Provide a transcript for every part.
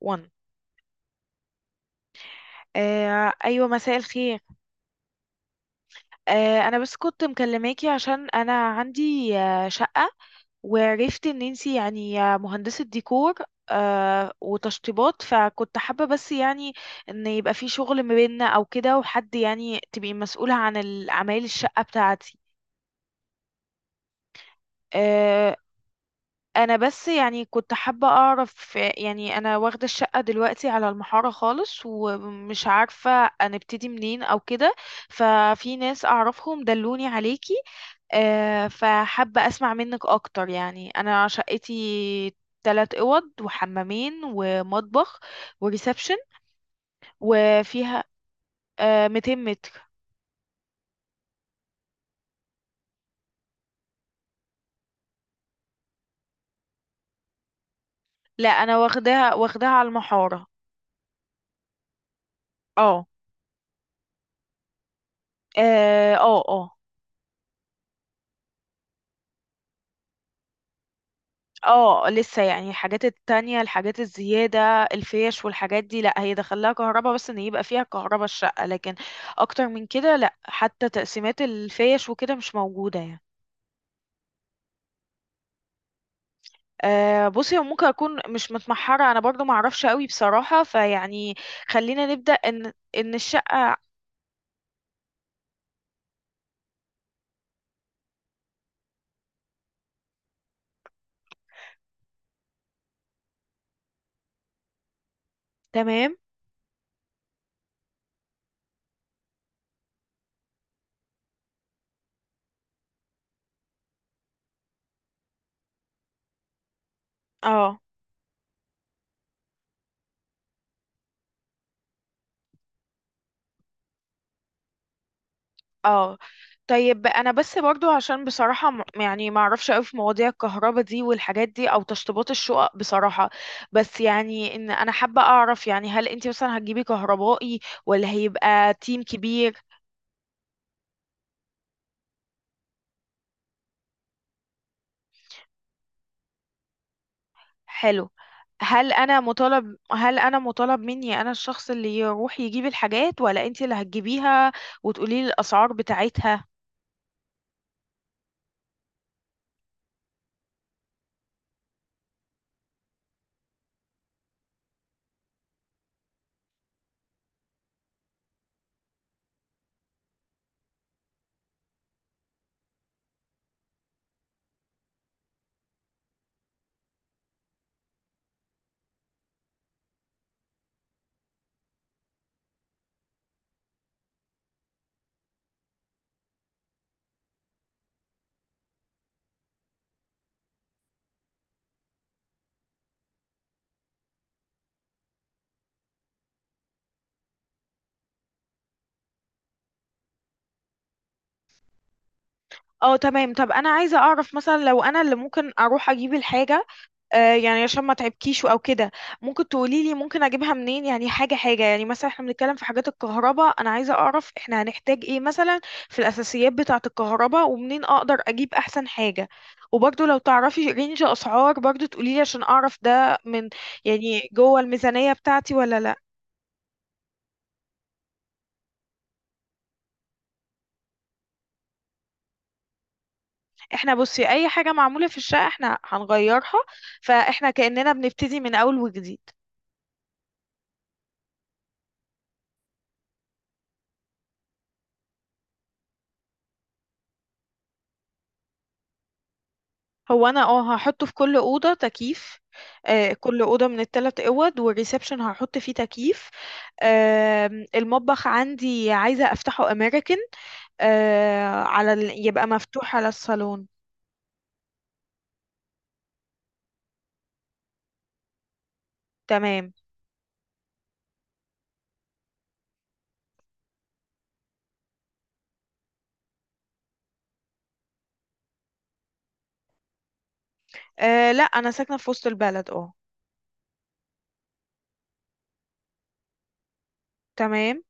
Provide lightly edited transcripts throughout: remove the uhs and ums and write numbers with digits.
1 ايوه، مساء الخير. انا بس كنت مكلماكي عشان انا عندي شقة، وعرفت ان انتي يعني مهندسة ديكور وتشطيبات، فكنت حابة بس يعني ان يبقى في شغل ما بيننا او كده، وحد يعني تبقي مسؤولة عن اعمال الشقة بتاعتي. آه، انا بس يعني كنت حابة اعرف، يعني انا واخدة الشقة دلوقتي على المحارة خالص، ومش عارفة هنبتدي منين او كده. ففي ناس اعرفهم دلوني عليكي. فحابة اسمع منك اكتر. يعني انا شقتي تلات اوض وحمامين ومطبخ وريسبشن، وفيها 200 متر. لا، انا واخداها واخداها على المحارة. اه، اه، اه، آه. اه، لسه يعني الحاجات التانية، الحاجات الزيادة، الفيش والحاجات دي. لا، هي دخلها كهرباء، بس ان يبقى فيها كهرباء الشقة، لكن اكتر من كده لا، حتى تقسيمات الفيش وكده مش موجودة يعني. أه، بصي هو ممكن اكون مش متمحرة انا برضو، معرفش قوي بصراحة، فيعني خلينا نبدأ ان الشقة. تمام. اه، اه، طيب انا بس برضو عشان بصراحة، يعني ما اعرفش قوي في مواضيع الكهرباء دي والحاجات دي، او تشطيبات الشقق بصراحة. بس يعني ان انا حابة اعرف، يعني هل انت مثلا هتجيبي كهربائي، ولا هيبقى تيم كبير؟ حلو. هل انا مطالب مني انا الشخص اللي يروح يجيب الحاجات، ولا انت اللي هتجيبيها وتقولي لي الاسعار بتاعتها؟ اه، تمام. طب انا عايزه اعرف، مثلا لو انا اللي ممكن اروح اجيب الحاجه، يعني عشان ما تعبكيش او كده، ممكن تقولي لي ممكن اجيبها منين؟ يعني حاجه حاجه، يعني مثلا احنا بنتكلم في حاجات الكهرباء، انا عايزه اعرف احنا هنحتاج ايه مثلا في الاساسيات بتاعه الكهرباء، ومنين اقدر اجيب احسن حاجه. وبرضه لو تعرفي رينج اسعار برضه تقولي لي، عشان اعرف ده من يعني جوه الميزانيه بتاعتي ولا لا. احنا بصي اي حاجه معموله في الشقه احنا هنغيرها، فاحنا كاننا بنبتدي من اول وجديد. هو انا اه، هحطه في كل اوضه تكييف. كل اوضه من الثلاث اوض والريسبشن هحط فيه تكييف. آه المطبخ عندي عايزه افتحه امريكان، على ال... يبقى مفتوح على الصالون. تمام. لا، انا ساكنه في وسط البلد، اه. تمام.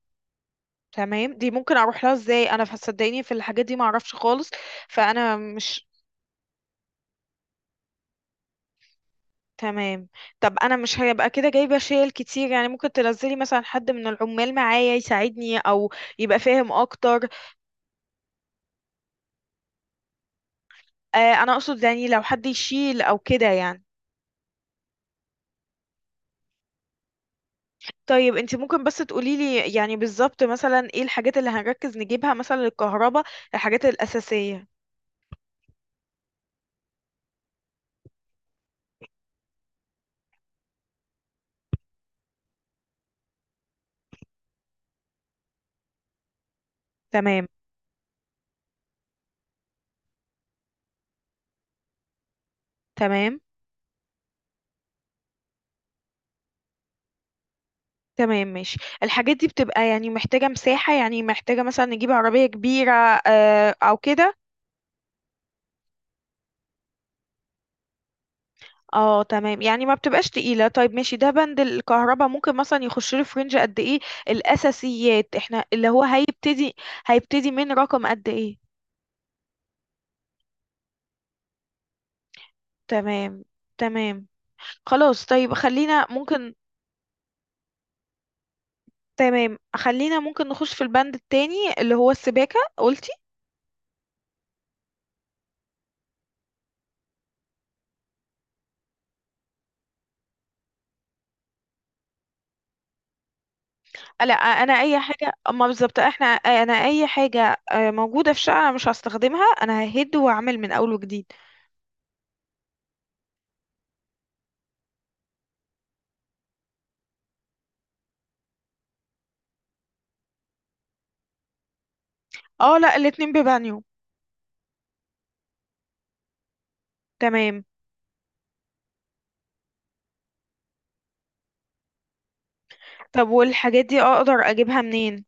تمام، دي ممكن اروح لها ازاي انا؟ صدقيني في الحاجات دي ما اعرفش خالص، فانا مش. تمام. طب انا مش هيبقى كده جايبه شيل كتير، يعني ممكن تنزلي مثلا حد من العمال معايا يساعدني، او يبقى فاهم اكتر. آه انا اقصد يعني لو حد يشيل او كده يعني. طيب، انت ممكن بس تقوليلي يعني بالظبط مثلا ايه الحاجات اللي هنركز نجيبها مثلا للكهرباء، الحاجات الاساسيه. تمام. تمام. تمام، ماشي. الحاجات دي بتبقى يعني محتاجه مساحه، يعني محتاجه مثلا نجيب عربيه كبيره او كده؟ اه، تمام، يعني ما بتبقاش تقيلة. طيب ماشي، ده بند الكهرباء ممكن مثلا يخش له في رينج قد ايه؟ الأساسيات احنا اللي هو هيبتدي، هيبتدي من رقم قد ايه؟ تمام. تمام. خلاص، طيب خلينا ممكن. تمام خلينا ممكن نخش في البند التاني اللي هو السباكة قلتي. لا انا اي حاجة، اما بالظبط احنا، انا اي حاجة موجودة في شقة انا مش هستخدمها، انا ههد واعمل من اول وجديد. اه، لا، الاتنين ببانيو. تمام. طب والحاجات دي اقدر اجيبها منين؟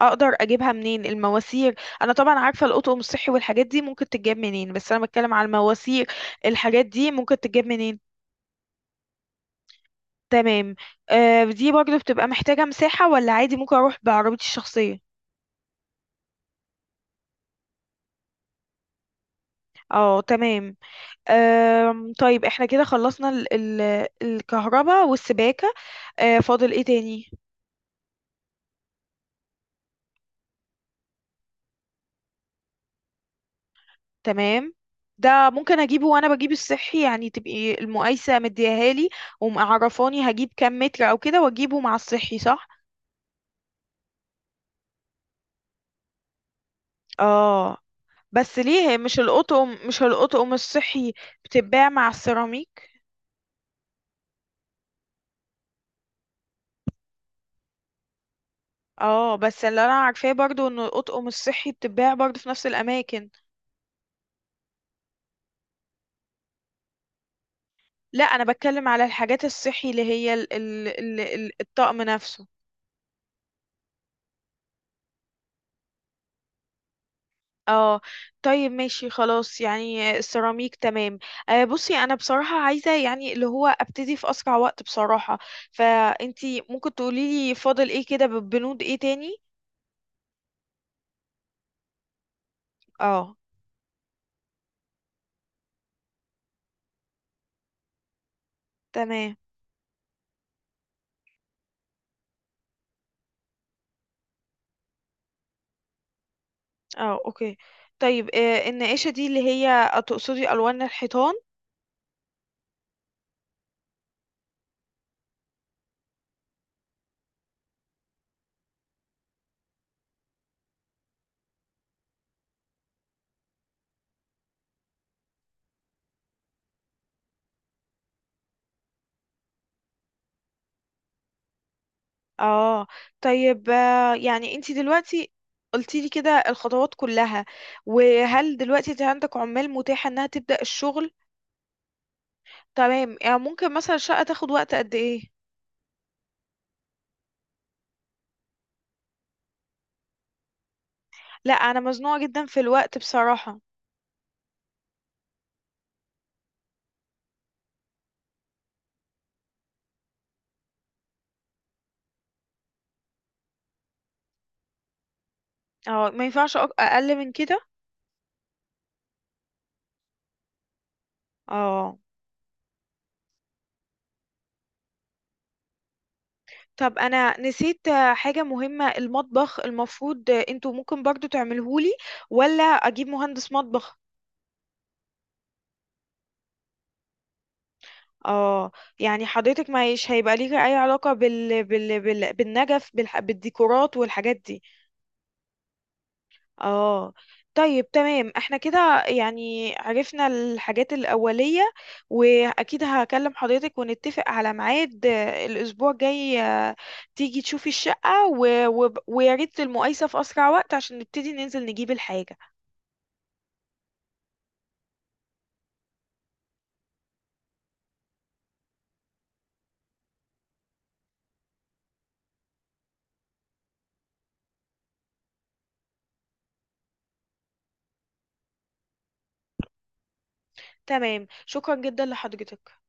اقدر اجيبها منين المواسير؟ انا طبعا عارفه القطقم الصحي والحاجات دي ممكن تتجاب منين، بس انا بتكلم على المواسير، الحاجات دي ممكن تتجاب منين؟ تمام. دي برضه بتبقى محتاجه مساحه، ولا عادي ممكن اروح بعربيتي الشخصيه؟ اه، تمام. طيب احنا كده خلصنا ال الكهرباء والسباكه، فاضل ايه تاني؟ تمام. ده ممكن اجيبه وانا بجيب الصحي، يعني تبقي المقايسه مدياهالي ومعرفاني هجيب كام متر او كده، واجيبه مع الصحي، صح؟ اه، بس ليه؟ هي مش القطقم، مش القطقم الصحي بتتباع مع السيراميك؟ اه، بس اللي انا عارفاه برضو ان القطقم الصحي بتتباع برضو في نفس الاماكن. لا، انا بتكلم على الحاجات الصحي اللي هي ال الطقم نفسه. اه. طيب، ماشي، خلاص، يعني السيراميك تمام. بصي، انا بصراحة عايزة يعني اللي هو ابتدي في اسرع وقت بصراحة، فانتي ممكن تقوليلي فاضل ايه كده، بنود ايه تاني؟ اه، تمام. اه، اوكي. طيب، النقاشة دي اللي هي تقصدي ألوان الحيطان؟ اه. طيب، يعني انتي دلوقتي قلتيلي كده الخطوات كلها، وهل دلوقتي انت عندك عمال متاحة انها تبدأ الشغل؟ تمام، يعني ممكن مثلا الشقة تاخد وقت قد ايه؟ لا، انا مزنوقة جدا في الوقت بصراحة. اه، ما ينفعش اقل من كده؟ اه. طب انا نسيت حاجة مهمة، المطبخ المفروض انتوا ممكن برضو تعملهولي، ولا اجيب مهندس مطبخ؟ اه. يعني حضرتك مش هيبقى ليك اي علاقة بالنجف، بالديكورات والحاجات دي؟ اه. طيب، تمام، احنا كده يعني عرفنا الحاجات الأولية، واكيد هكلم حضرتك ونتفق على ميعاد الاسبوع الجاي، تيجي تشوفي الشقة ويا ريت المقايسة في اسرع وقت عشان نبتدي ننزل نجيب الحاجة. تمام، شكرا جدا لحضرتك.